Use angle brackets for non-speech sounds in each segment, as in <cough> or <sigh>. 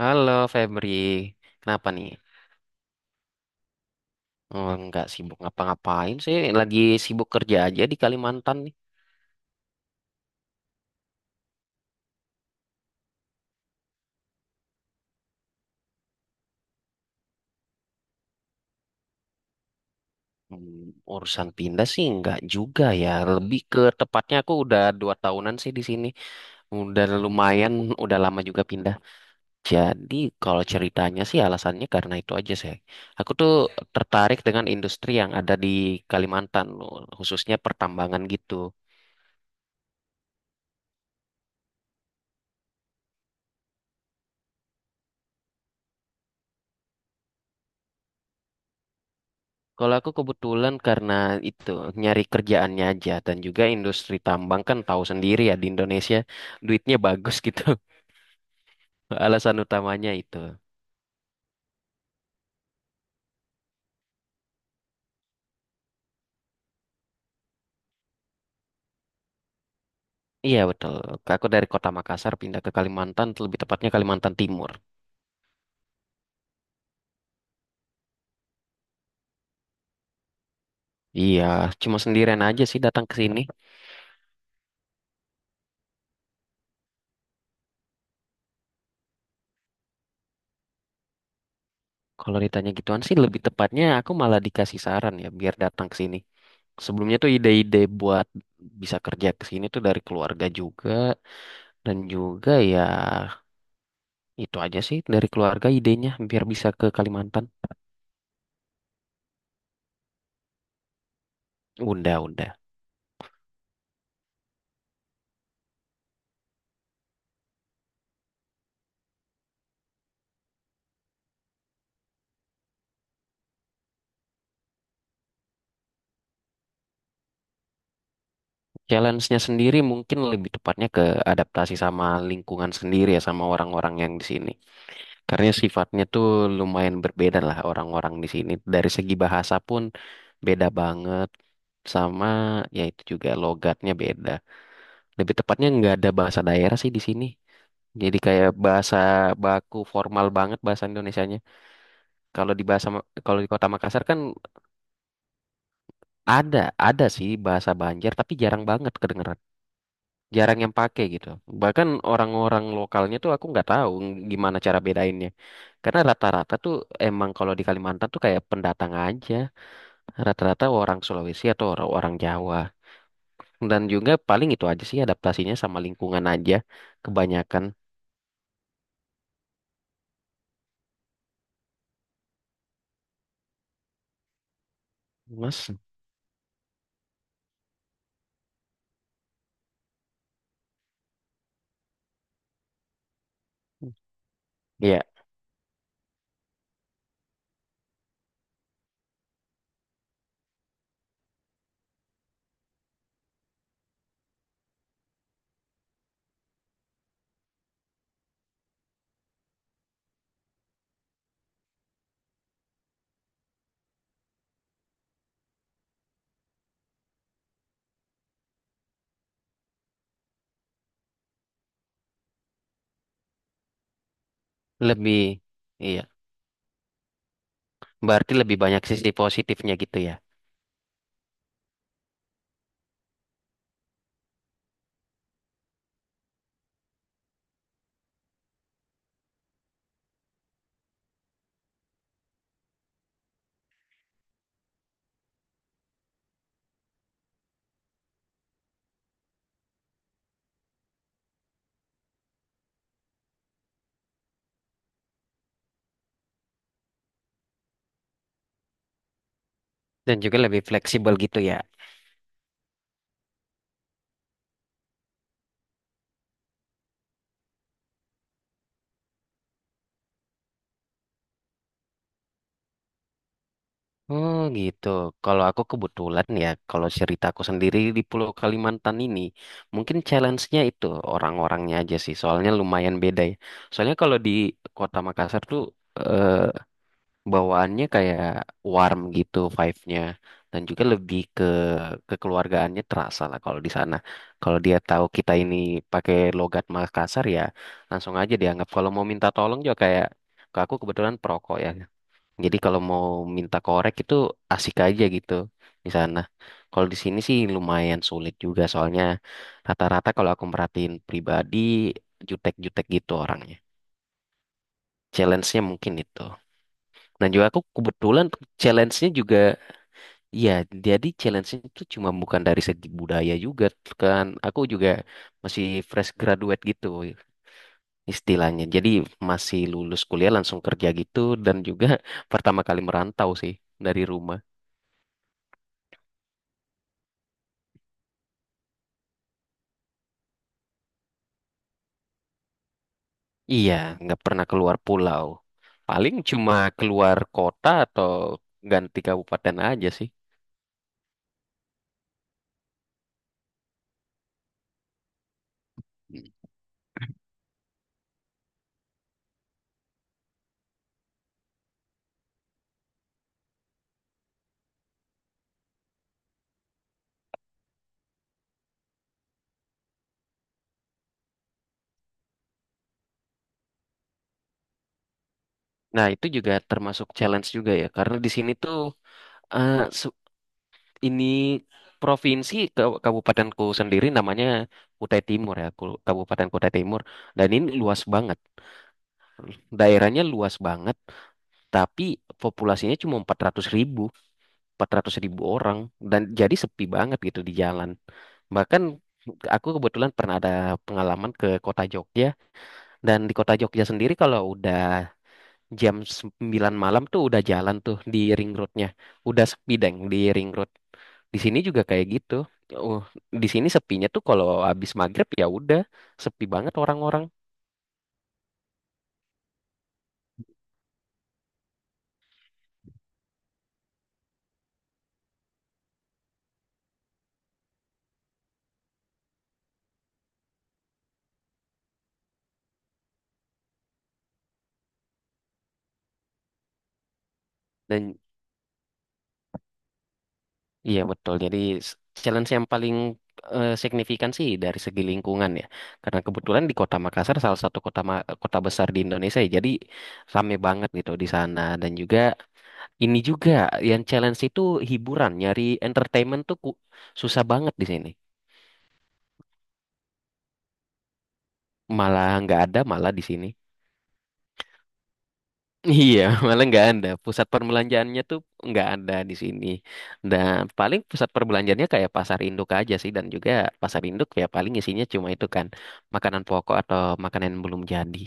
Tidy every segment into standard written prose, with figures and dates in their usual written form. Halo Febri, kenapa nih? Oh, nggak sibuk ngapa-ngapain sih, lagi sibuk kerja aja di Kalimantan nih. Hmm, urusan pindah sih nggak juga ya, lebih ke tepatnya aku udah 2 tahunan sih di sini. Udah lumayan, udah lama juga pindah. Jadi kalau ceritanya sih alasannya karena itu aja sih. Aku tuh tertarik dengan industri yang ada di Kalimantan, khususnya pertambangan gitu. Kalau aku kebetulan karena itu nyari kerjaannya aja dan juga industri tambang kan tahu sendiri ya di Indonesia duitnya bagus gitu. <laughs> Alasan utamanya itu. Iya betul. Aku dari kota Makassar pindah ke Kalimantan, lebih tepatnya Kalimantan Timur. Iya, cuma sendirian aja sih datang ke sini. Kalau ditanya gituan sih lebih tepatnya aku malah dikasih saran ya biar datang ke sini. Sebelumnya tuh ide-ide buat bisa kerja ke sini tuh dari keluarga juga dan juga ya itu aja sih dari keluarga idenya biar bisa ke Kalimantan. Udah, udah. Challenge-nya sendiri mungkin lebih tepatnya ke adaptasi sama lingkungan sendiri ya sama orang-orang yang di sini. Karena sifatnya tuh lumayan berbeda lah orang-orang di sini. Dari segi bahasa pun beda banget sama ya itu juga logatnya beda. Lebih tepatnya nggak ada bahasa daerah sih di sini. Jadi kayak bahasa baku formal banget bahasa Indonesianya. Kalau di bahasa kalau di Kota Makassar kan Ada, ada sih bahasa Banjar, tapi jarang banget kedengeran. Jarang yang pakai gitu. Bahkan orang-orang lokalnya tuh aku nggak tahu gimana cara bedainnya. Karena rata-rata tuh emang kalau di Kalimantan tuh kayak pendatang aja. Rata-rata orang Sulawesi atau orang Jawa. Dan juga paling itu aja sih adaptasinya sama lingkungan aja. Kebanyakan. Mas, iya, lebih, iya. Berarti lebih banyak sisi positifnya gitu ya. Dan juga lebih fleksibel gitu ya. Oh gitu. Kalau aku kebetulan ya, kalau ceritaku sendiri di Pulau Kalimantan ini, mungkin challenge-nya itu orang-orangnya aja sih. Soalnya lumayan beda ya. Soalnya kalau di Kota Makassar tuh eh, bawaannya kayak warm gitu vibe-nya dan juga lebih ke kekeluargaannya terasa lah kalau di sana. Kalau dia tahu kita ini pakai logat Makassar ya, langsung aja dianggap. Kalau mau minta tolong juga kayak. Aku kebetulan perokok ya, jadi kalau mau minta korek itu asik aja gitu di sana. Kalau di sini sih lumayan sulit juga soalnya rata-rata kalau aku merhatiin pribadi jutek-jutek gitu orangnya. Challenge-nya mungkin itu. Dan juga aku kebetulan challenge-nya juga ya jadi challenge-nya itu cuma bukan dari segi budaya juga kan. Aku juga masih fresh graduate gitu istilahnya. Jadi masih lulus kuliah langsung kerja gitu dan juga <laughs> pertama kali merantau sih dari rumah. Iya, nggak pernah keluar pulau. Paling cuma keluar kota atau ganti kabupaten aja sih. Nah, itu juga termasuk challenge juga ya, karena di sini tuh eh, se- ini provinsi kabupatenku sendiri namanya Kutai Timur ya, Kabupaten Kutai Timur. Dan ini luas banget, daerahnya luas banget, tapi populasinya cuma 400.000. 400 ribu orang dan jadi sepi banget gitu di jalan. Bahkan aku kebetulan pernah ada pengalaman ke kota Jogja dan di kota Jogja sendiri kalau udah jam 21.00 tuh udah jalan tuh di ring roadnya. Udah sepi deng di ring road. Di sini juga kayak gitu. Uh, di sini sepinya tuh kalau habis maghrib ya udah sepi banget orang-orang. Dan Iya betul. Jadi s- challenge yang paling signifikan sih dari segi lingkungan ya. Karena kebetulan di Kota Makassar salah satu kota kota besar di Indonesia ya. Jadi rame banget gitu di sana dan juga ini juga yang challenge itu hiburan, nyari entertainment tuh susah banget di sini. Malah nggak ada malah di sini. Iya, <laughs> malah nggak ada. Pusat perbelanjaannya tuh nggak ada di sini. Dan paling pusat perbelanjaannya kayak pasar induk aja sih. Dan juga pasar induk ya paling isinya cuma itu kan makanan pokok atau makanan yang belum jadi.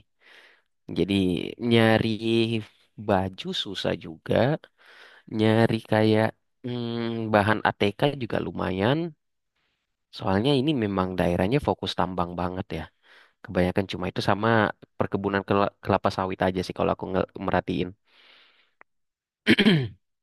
Jadi nyari baju susah juga. Nyari kayak bahan ATK juga lumayan. Soalnya ini memang daerahnya fokus tambang banget ya. Kebanyakan cuma itu sama perkebunan kelapa sawit aja sih kalau aku merhatiin. <clears throat>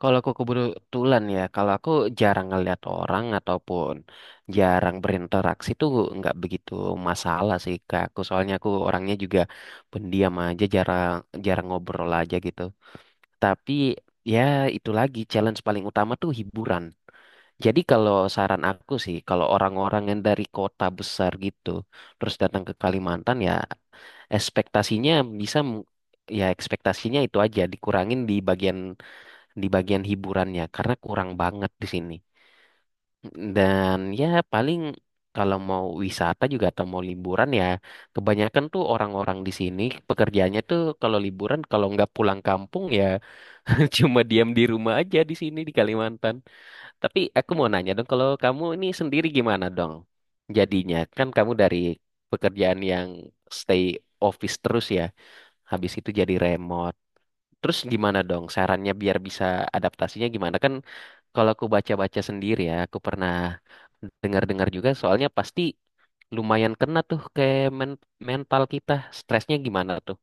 Kalau aku kebetulan ya, kalau aku jarang ngeliat orang ataupun jarang berinteraksi tuh nggak begitu masalah sih ke aku. Soalnya aku orangnya juga pendiam aja, jarang jarang ngobrol aja gitu. Tapi ya itu lagi challenge paling utama tuh hiburan. Jadi kalau saran aku sih, kalau orang-orang yang dari kota besar gitu, terus datang ke Kalimantan ya ekspektasinya bisa m- ya ekspektasinya itu aja dikurangin di bagian hiburannya karena kurang banget di sini. Dan ya paling kalau mau wisata juga atau mau liburan ya kebanyakan tuh orang-orang di sini pekerjaannya tuh kalau liburan kalau nggak pulang kampung ya <laughs> cuma diam di rumah aja di sini di Kalimantan. Tapi aku mau nanya dong kalau kamu ini sendiri gimana dong? Jadinya kan kamu dari pekerjaan yang stay office terus ya. Habis itu jadi remote. Terus gimana dong sarannya biar bisa adaptasinya gimana? Kan kalau aku baca-baca sendiri ya, aku pernah dengar-dengar juga soalnya pasti lumayan kena tuh ke mental kita, stresnya gimana tuh.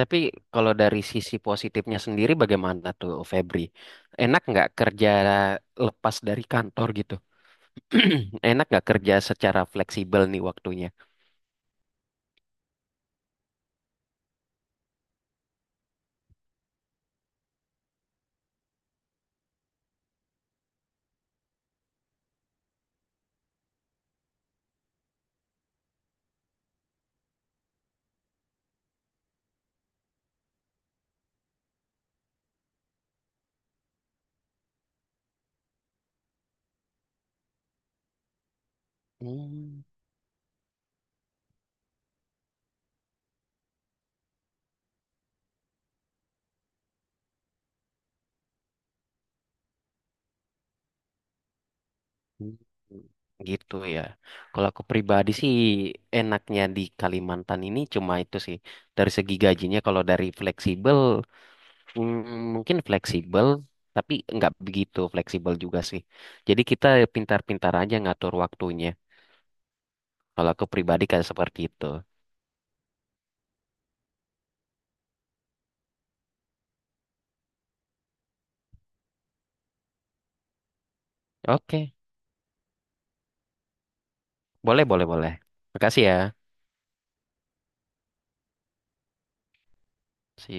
Tapi kalau dari sisi positifnya sendiri bagaimana tuh Febri? Enak nggak kerja lepas dari kantor gitu? <clears throat> Enak nggak kerja secara fleksibel nih waktunya? Hmm. Hmm, Gitu ya. Kalau aku pribadi sih enaknya di Kalimantan ini cuma itu sih. Dari segi gajinya kalau dari fleksibel mungkin fleksibel tapi nggak begitu fleksibel juga sih. Jadi kita pintar-pintar aja ngatur waktunya. Kalau aku pribadi kayak seperti itu. Oke, boleh boleh boleh. Makasih ya. See you.